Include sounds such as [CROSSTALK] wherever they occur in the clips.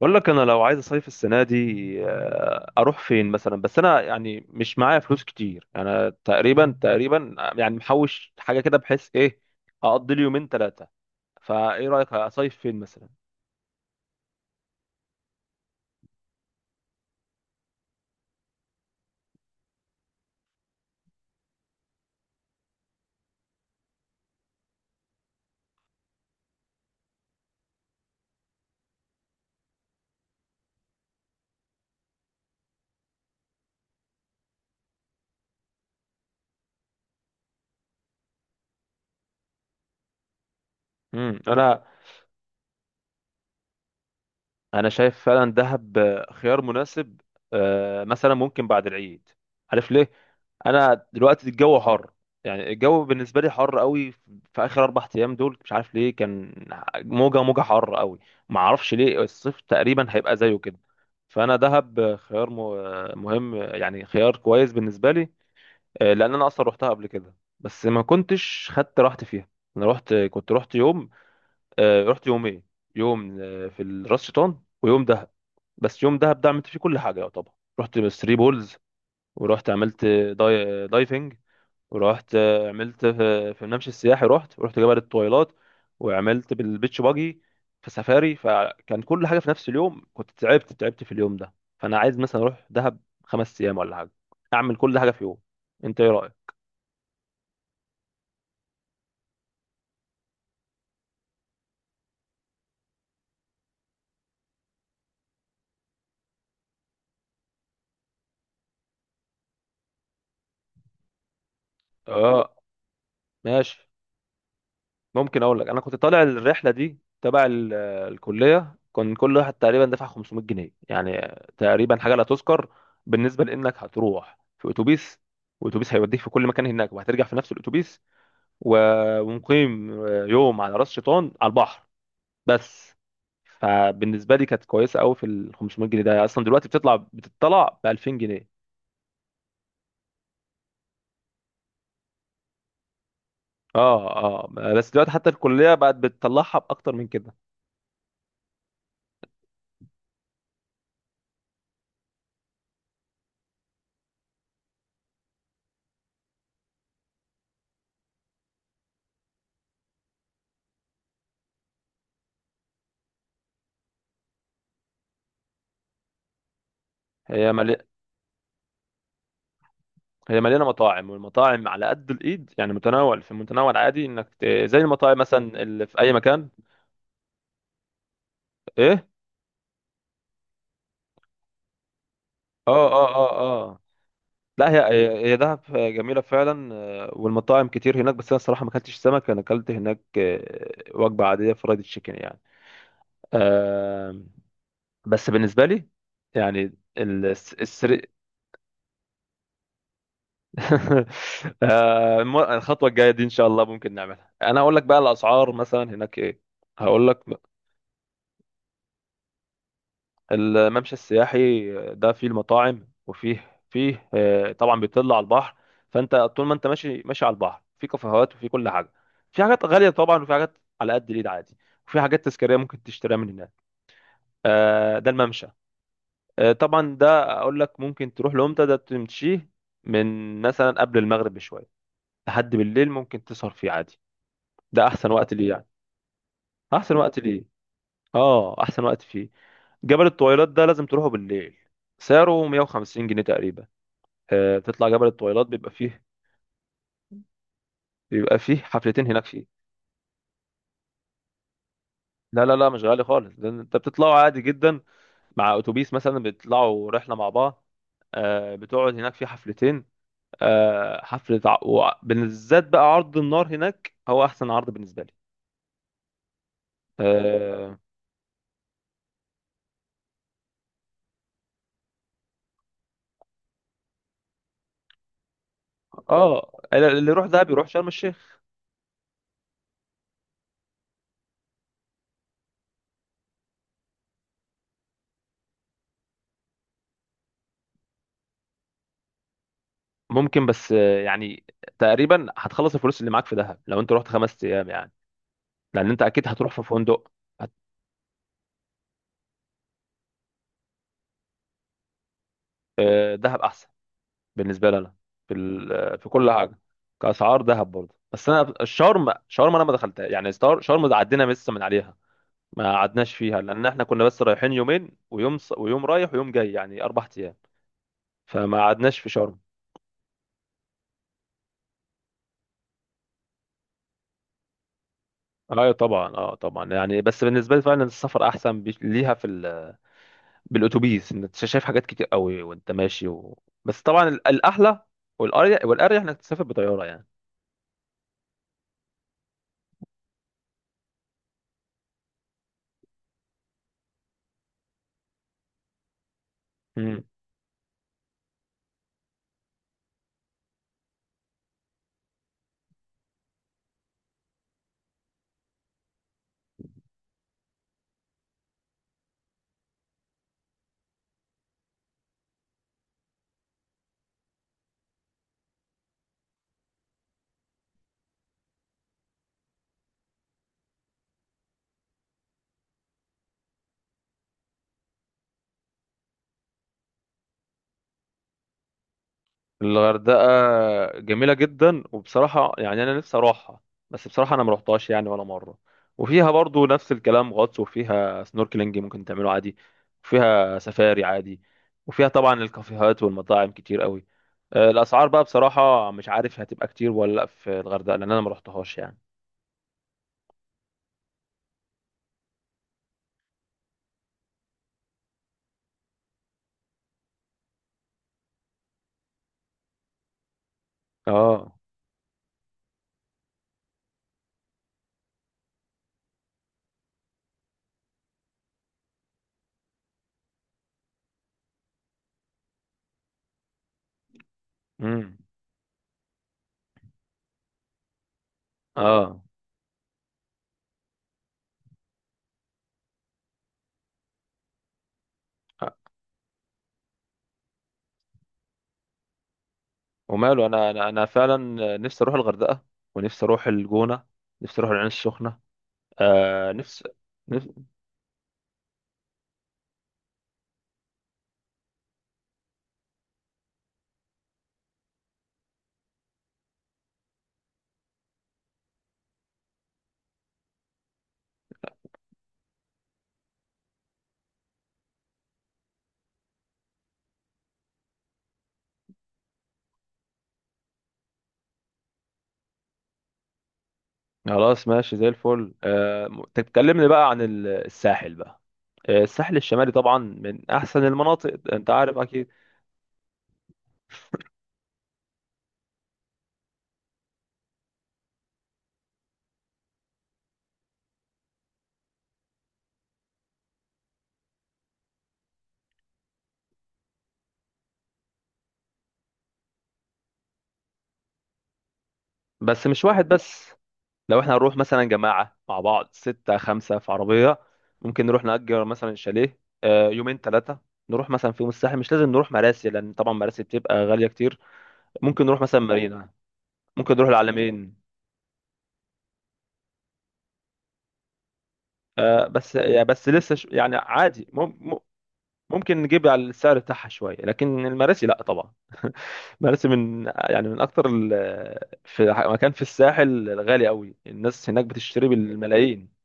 بقول لك انا لو عايز اصيف السنه دي، اروح فين مثلا؟ بس انا يعني مش معايا فلوس كتير، انا تقريبا يعني محوش حاجه كده، بحيث ايه اقضي لي يومين ثلاثه. فايه رايك اصيف فين مثلا؟ انا انا شايف فعلا دهب خيار مناسب. مثلا ممكن بعد العيد. عارف ليه؟ انا دلوقتي الجو حر، يعني الجو بالنسبه لي حر قوي. في اخر اربع ايام دول مش عارف ليه كان موجه حر قوي. ما اعرفش ليه، الصيف تقريبا هيبقى زيه كده. فانا دهب خيار مهم، يعني خيار كويس بالنسبه لي. لان انا اصلا روحتها قبل كده، بس ما كنتش خدت راحتي فيها. انا كنت رحت يوم. رحت يومين. يوم في راس شيطان، ويوم دهب. بس يوم دهب ده عملت فيه كل حاجه يعتبر. رحت ثري بولز. ورحت عملت دايفنج. ورحت عملت في الممشى السياحي، رحت ورحت جبل الطويلات. وعملت بالبيتش باجي في سفاري، فكان كل حاجه في نفس اليوم، كنت تعبت في اليوم ده. فانا عايز مثلا اروح دهب خمس ايام ولا حاجه، اعمل كل حاجه في يوم. انت ايه رايك؟ اه، ماشي. ممكن اقول لك انا كنت طالع الرحله دي تبع الكليه. كان كل واحد تقريبا دفع 500 جنيه، يعني تقريبا حاجه لا تذكر. بالنسبه لانك هتروح في اتوبيس، واتوبيس هيوديك في كل مكان هناك، وهترجع في نفس الاتوبيس. ومقيم يوم على راس شيطان على البحر، بس. فبالنسبه لي كانت كويسه قوي في ال 500 جنيه ده، اصلا دلوقتي بتطلع ب 2000 جنيه. اه، اه. بس دلوقتي حتى الكليه بقت بتطلعها باكتر من كده. هي ملي... هي مليانه مطاعم، والمطاعم على قد الايد يعني متنوع في متنوع، العادي انك زي المطاعم مثلا اللي في اي مكان. ايه. اه، اه، اه، اه. لا، هي دهب جميله فعلا، والمطاعم كتير هناك. بس انا الصراحه ما اكلتش سمك، انا اكلت هناك وجبه عاديه فرايد تشيكن يعني. آه، بس بالنسبه لي يعني السري. [LAUGHS] الخطوه الجايه دي ان شاء الله ممكن نعملها. انا هقول لك بقى الاسعار مثلا هناك ايه، هقول لك. الممشى السياحي ده فيه المطاعم، وفيه طبعا بيطل على البحر. فانت طول ما انت ماشي ماشي على البحر في كافيهات وفي كل حاجه. في حاجات غاليه طبعا، وفي حاجات على قد الايد عادي. وفي حاجات تذكاريه ممكن تشتريها من هناك. ده الممشى. طبعا ده اقول لك ممكن تروح لامتى، ده تمشيه. من مثلا قبل المغرب بشويه لحد بالليل، ممكن تسهر فيه عادي. ده احسن وقت ليه، يعني احسن وقت ليه، اه احسن وقت فيه. جبل الطويلات ده لازم تروحه بالليل، سعره 150 جنيه تقريبا. تطلع جبل الطويلات بيبقى فيه حفلتين هناك فيه. لا، لا، لا، مش غالي خالص، ده انت بتطلعوا عادي جدا. مع اتوبيس مثلا بتطلعوا رحله مع بعض. بتقعد هناك في حفلتين. حفله بالذات بقى عرض النار هناك هو احسن عرض بالنسبه لي. اه. اللي يروح دهب يروح شرم الشيخ. ممكن، بس يعني تقريبا هتخلص الفلوس اللي معاك في دهب لو انت رحت خمس ايام يعني. لان انت اكيد هتروح في فندق. هت- دهب احسن بالنسبه لي انا في في كل حاجه. كاسعار دهب برضه. بس انا الشرم شرم انا ما دخلتها يعني، شرم ده عدينا لسه من عليها. ما قعدناش فيها لان احنا كنا بس رايحين يومين، ويوم ويوم رايح ويوم جاي يعني اربع ايام. فما قعدناش في شرم. ايوه طبعا، اه طبعا، يعني بس بالنسبه لي فعلا السفر احسن ليها في بالاتوبيس انت شايف حاجات كتير قوي، وانت ماشي بس طبعا الاحلى والاريح انك تسافر بطياره. يعني، الغردقة جميلة جدا، وبصراحة يعني أنا نفسي أروحها. بس بصراحة أنا مروحتهاش يعني ولا مرة. وفيها برضو نفس الكلام غطس، وفيها سنوركلينج ممكن تعمله عادي. وفيها سفاري عادي، وفيها طبعا الكافيهات والمطاعم كتير قوي. الأسعار بقى بصراحة مش عارف هتبقى كتير ولا لأ في الغردقة، لأن أنا مروحتهاش يعني. اه، امم اه، وماله أنا، أنا فعلا نفسي أروح الغردقة. ونفسي أروح الجونة، نفسي أروح العين السخنة، نفسي. خلاص، ماشي زي الفل. طب كلمني بقى عن الساحل بقى. الساحل الشمالي طبعا من احسن المناطق، انت عارف اكيد. بس مش واحد بس. لو احنا هنروح مثلا جماعة مع بعض، ستة خمسة في عربية. ممكن نروح نأجر مثلا شاليه يومين ثلاثة. نروح مثلا في يوم الساحل، مش لازم نروح مراسي، لأن طبعا مراسي بتبقى غالية كتير. ممكن نروح مثلا مارينا، ممكن نروح العلمين. بس يعني، بس لسه يعني عادي. ممكن نجيب على السعر بتاعها شويه، لكن المراسي لا طبعا. [LAUGHS] مراسي من يعني من اكتر في مكان في الساحل غالي قوي، الناس هناك بتشتري بالملايين.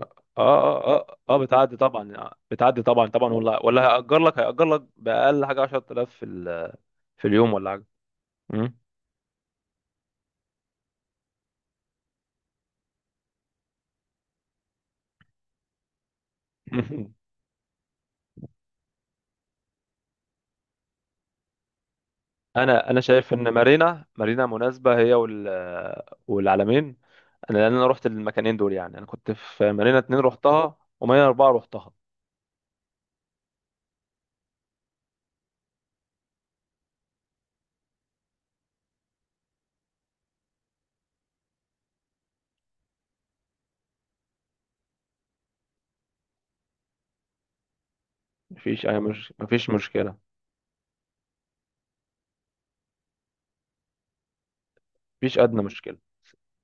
اه، اه، اه، اه، بتعدي طبعا طبعا، ولا هيأجر لك بأقل حاجه 10,000 في في اليوم ولا حاجه. مم. [LAUGHS] انا شايف ان مارينا مناسبه، هي والعلمين. انا لان انا رحت المكانين دول يعني، انا كنت في مارينا اتنين رحتها، ومارينا اربعه رحتها. مفيش أي مش... مفيش مشكلة. مفيش أدنى مشكلة.